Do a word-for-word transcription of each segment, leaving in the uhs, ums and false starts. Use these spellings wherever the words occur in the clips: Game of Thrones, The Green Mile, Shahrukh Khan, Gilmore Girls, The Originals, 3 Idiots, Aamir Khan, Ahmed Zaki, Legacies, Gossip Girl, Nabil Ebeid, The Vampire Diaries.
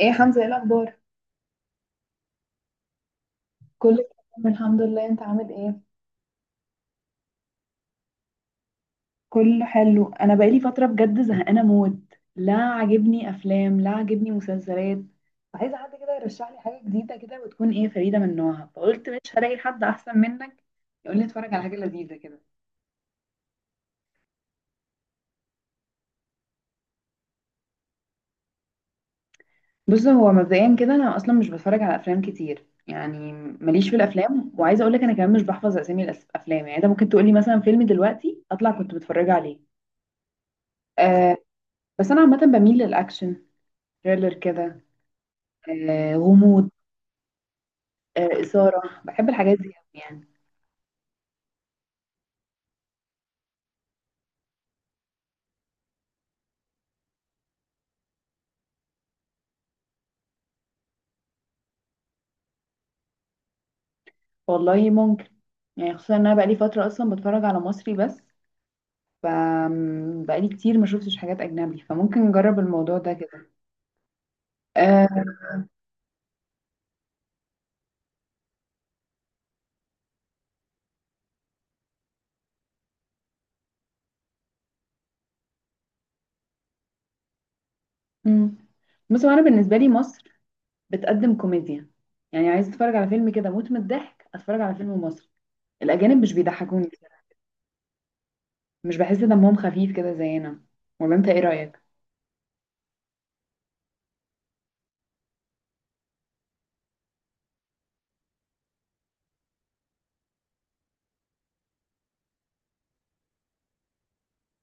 ايه يا حمزة، ايه الاخبار؟ كله تمام الحمد لله، انت عامل ايه؟ كله حلو. انا بقالي فترة بجد زهقانة موت، لا عاجبني افلام لا عاجبني مسلسلات. عايزة حد كده يرشح لي حاجة جديدة كده وتكون ايه فريدة من نوعها، فقلت مش هلاقي حد احسن منك يقول لي اتفرج على حاجة لذيذة كده. بص، هو مبدئيا كده انا اصلا مش بتفرج على افلام كتير، يعني ماليش في الافلام، وعايزه اقول لك انا كمان مش بحفظ اسامي الافلام، يعني انت ممكن تقول لي مثلا فيلم دلوقتي اطلع كنت بتفرج عليه. أه. بس انا عامه بميل للاكشن، تhriller كده. آه، غموض. آه، إثارة، بحب الحاجات دي أوي يعني. والله ممكن، يعني خصوصا إن أنا بقالي فترة أصلا بتفرج على مصري بس. ف م، بقالي كتير ما شفتش حاجات أجنبي، فممكن نجرب الموضوع ده كده. آه. م. بص، هو أنا بالنسبة لي مصر بتقدم كوميديا، يعني عايز أتفرج على فيلم كده موت من الضحك أتفرج على فيلم مصري. الأجانب مش بيضحكوني، مش بحس دمهم خفيف كده زينا. ولا أنت إيه رأيك؟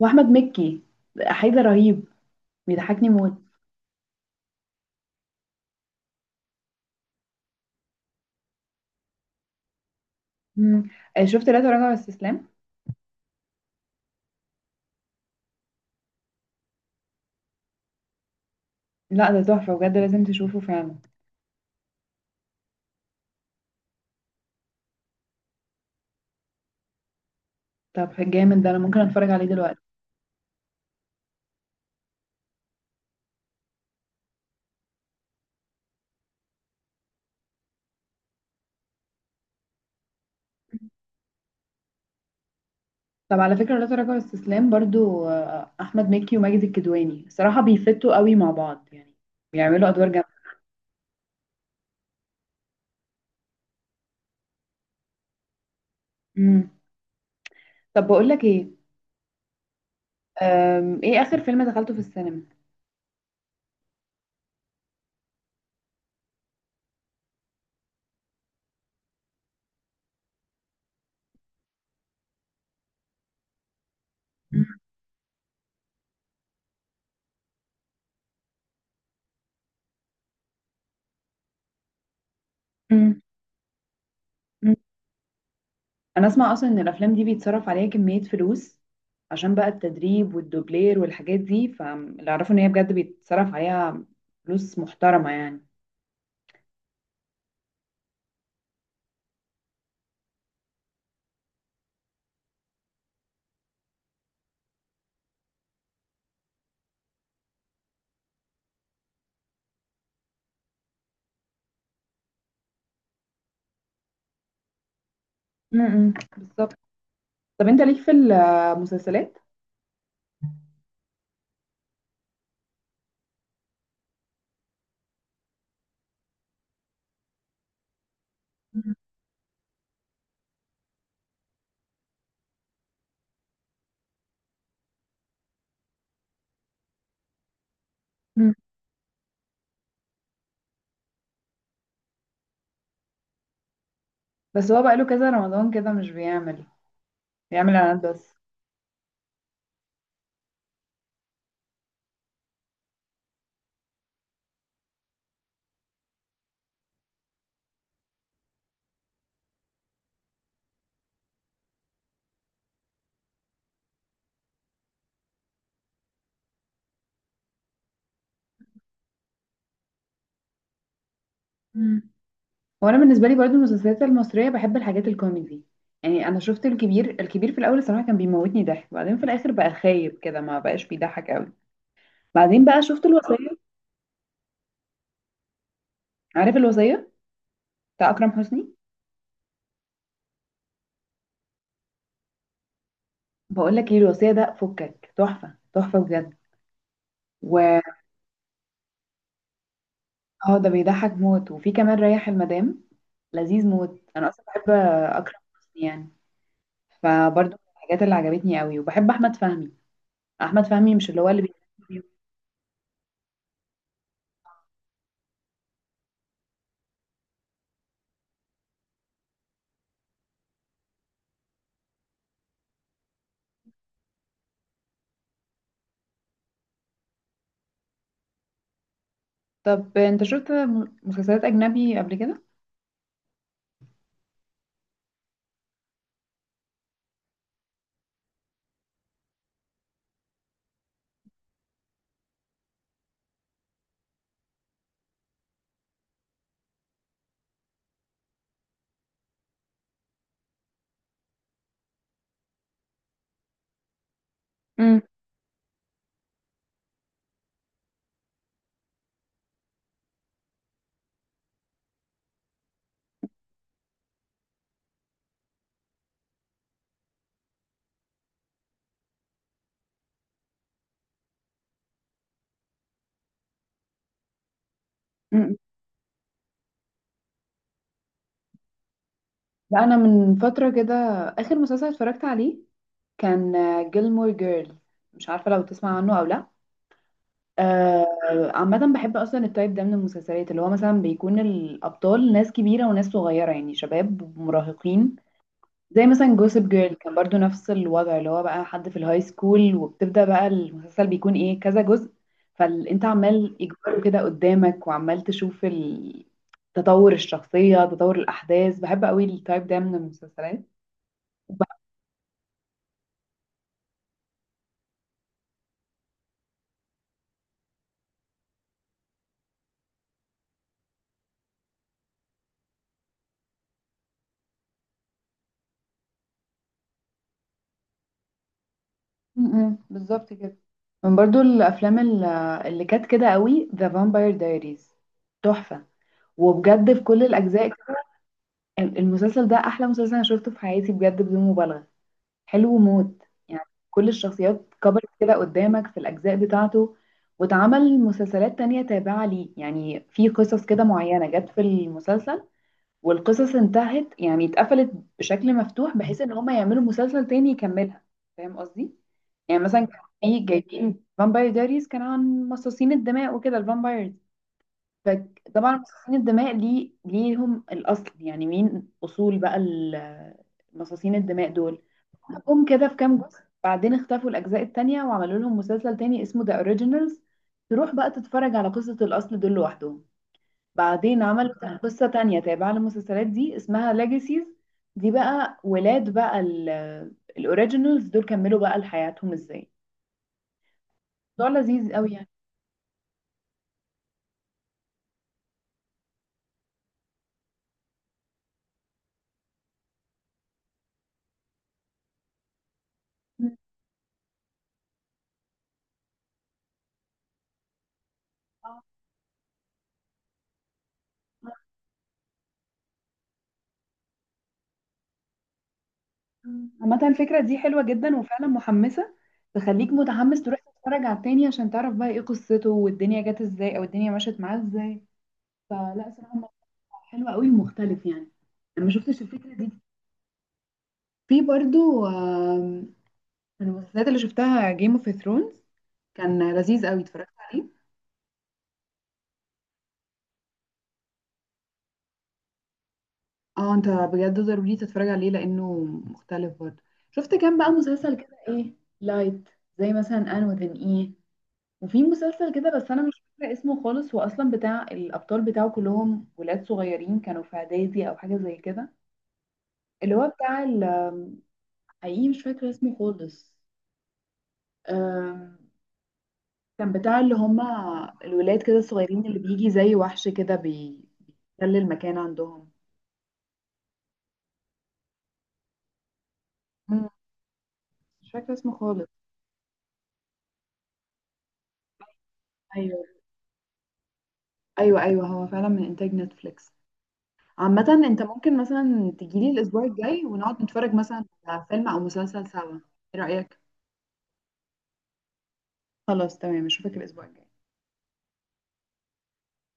وأحمد مكي، حيدر رهيب، بيضحكني موت. م. آه، شفت لا تراجع ولا استسلام؟ لا، ده تحفة بجد لازم تشوفه فعلا. طب جامد ده انا ممكن اتفرج عليه دلوقتي. طب على فكرة، لا تراجع واستسلام برضو آه، احمد مكي وماجد الكدواني، الصراحة بيفتوا قوي مع بعض يعني، بيعملوا ادوار جامدة. امم. طب بقول لك ايه، أم، ايه اخر فيلم دخلته في السينما؟ مم. مم. مم. انا اسمع اصلا ان الافلام دي بيتصرف عليها كمية فلوس، عشان بقى التدريب والدوبلير والحاجات دي، فاللي اعرفه ان هي بجد بيتصرف عليها فلوس محترمة يعني. امم، بالظبط. طب انت ليك في المسلسلات؟ مم. بس هو بقاله كذا رمضان كده مش بيعمل، بيعمل اعلانات بس. مم. وانا بالنسبه لي برضو المسلسلات المصريه بحب الحاجات الكوميدي. يعني انا شفت الكبير، الكبير في الاول الصراحه كان بيموتني ضحك، بعدين في الاخر بقى خايب كده ما بقاش بيضحك قوي. بعدين بقى شفت الوصيه. عارف الوصيه بتاع اكرم حسني؟ بقول لك ايه، الوصيه ده فكك تحفه تحفه بجد. و اه، ده بيضحك موت، وفي كمان ريح المدام، لذيذ موت، انا اصلا بحب اكرم حسني يعني. فبرضو من الحاجات اللي عجبتني قوي، وبحب احمد فهمي. احمد فهمي، مش اللي هو اللي بي... طب انت شفت مسلسلات اجنبي قبل كده؟ امم. امم. لا، انا من فتره كده اخر مسلسل اتفرجت عليه كان جيلمور جيرل، مش عارفه لو تسمع عنه او لا. آه، عامه بحب اصلا التايب ده من المسلسلات، اللي هو مثلا بيكون الابطال ناس كبيره وناس صغيره يعني شباب ومراهقين. زي مثلا جوسب جيرل كان برضو نفس الوضع، اللي هو بقى حد في الهاي سكول، وبتبدأ بقى المسلسل بيكون ايه كذا جزء، فانت عمال اجباره كده قدامك وعمال تشوف ال- تطور الشخصية، تطور الأحداث. بحب قوي التايب ده من المسلسلات. وب- م- م، بالظبط كده. من برضو الأفلام ال- اللي كانت كده قوي، ذا فامباير دايريز، تحفة، وبجد في كل الأجزاء كده. المسلسل ده أحلى مسلسل أنا شفته في حياتي، بجد بدون مبالغة، حلو موت. يعني كل الشخصيات كبرت كده قدامك في الأجزاء بتاعته، واتعمل مسلسلات تانية تابعة ليه، يعني في قصص كده معينة جت في المسلسل والقصص انتهت يعني اتقفلت بشكل مفتوح، بحيث ان هما يعملوا مسلسل تاني يكملها. فاهم قصدي؟ يعني مثلا كان في جايبين فامباير دايريز كان عن مصاصين الدماء وكده، الفامبايرز. فطبعا مصاصين الدماء ليه ليهم الأصل، يعني مين أصول بقى ال- مصاصين الدماء دول، جم كده في كام جزء. بعدين اختفوا الأجزاء التانية، وعملوا لهم مسلسل تاني اسمه ذا اوريجينالز، تروح بقى تتفرج على قصة الأصل دول لوحدهم. بعدين عملوا آه. قصة تانية تابعة للمسلسلات دي اسمها ليجاسيز. دي بقى ولاد بقى ال- الاوريجينالز دول كملوا بقى لحياتهم ازاي. الموضوع لذيذ قوي يعني. مم. آه. عامة الفكرة دي حلوة جدا وفعلا محمسة، تخليك متحمس تروح تتفرج على التاني عشان تعرف بقى ايه قصته، والدنيا جت ازاي او الدنيا مشت معاه ازاي. فلا صراحة، حلو قوي مختلف يعني، انا ما شفتش الفكره دي. في برضو، آم، من المسلسلات اللي شفتها جيم اوف ثرونز، كان لذيذ قوي اتفرجت عليه. اه، انت بجد ضروري تتفرج عليه لانه مختلف برضو. شفت كام بقى مسلسل كده، ايه لايت، زي مثلا ان وذن ايه. وفي مسلسل كده بس انا مش فاكره اسمه خالص، هو اصلا بتاع الابطال بتاعه كلهم ولاد صغيرين كانوا في اعدادي او حاجه زي كده، اللي هو بتاع ال- آم، حقيقي مش فاكره اسمه خالص. آم، كان بتاع اللي هما الولاد كده الصغيرين، اللي بيجي زي وحش كده بي- بيحتل المكان عندهم. مم. مش فاكرة اسمه خالص. ايوه. ايوه، ايوه، هو فعلا من انتاج نتفليكس. عامة انت ممكن مثلا تجيلي الاسبوع الجاي ونقعد نتفرج مثلا على فيلم او مسلسل سوا. ايه رأيك؟ خلاص تمام، اشوفك الاسبوع الجاي.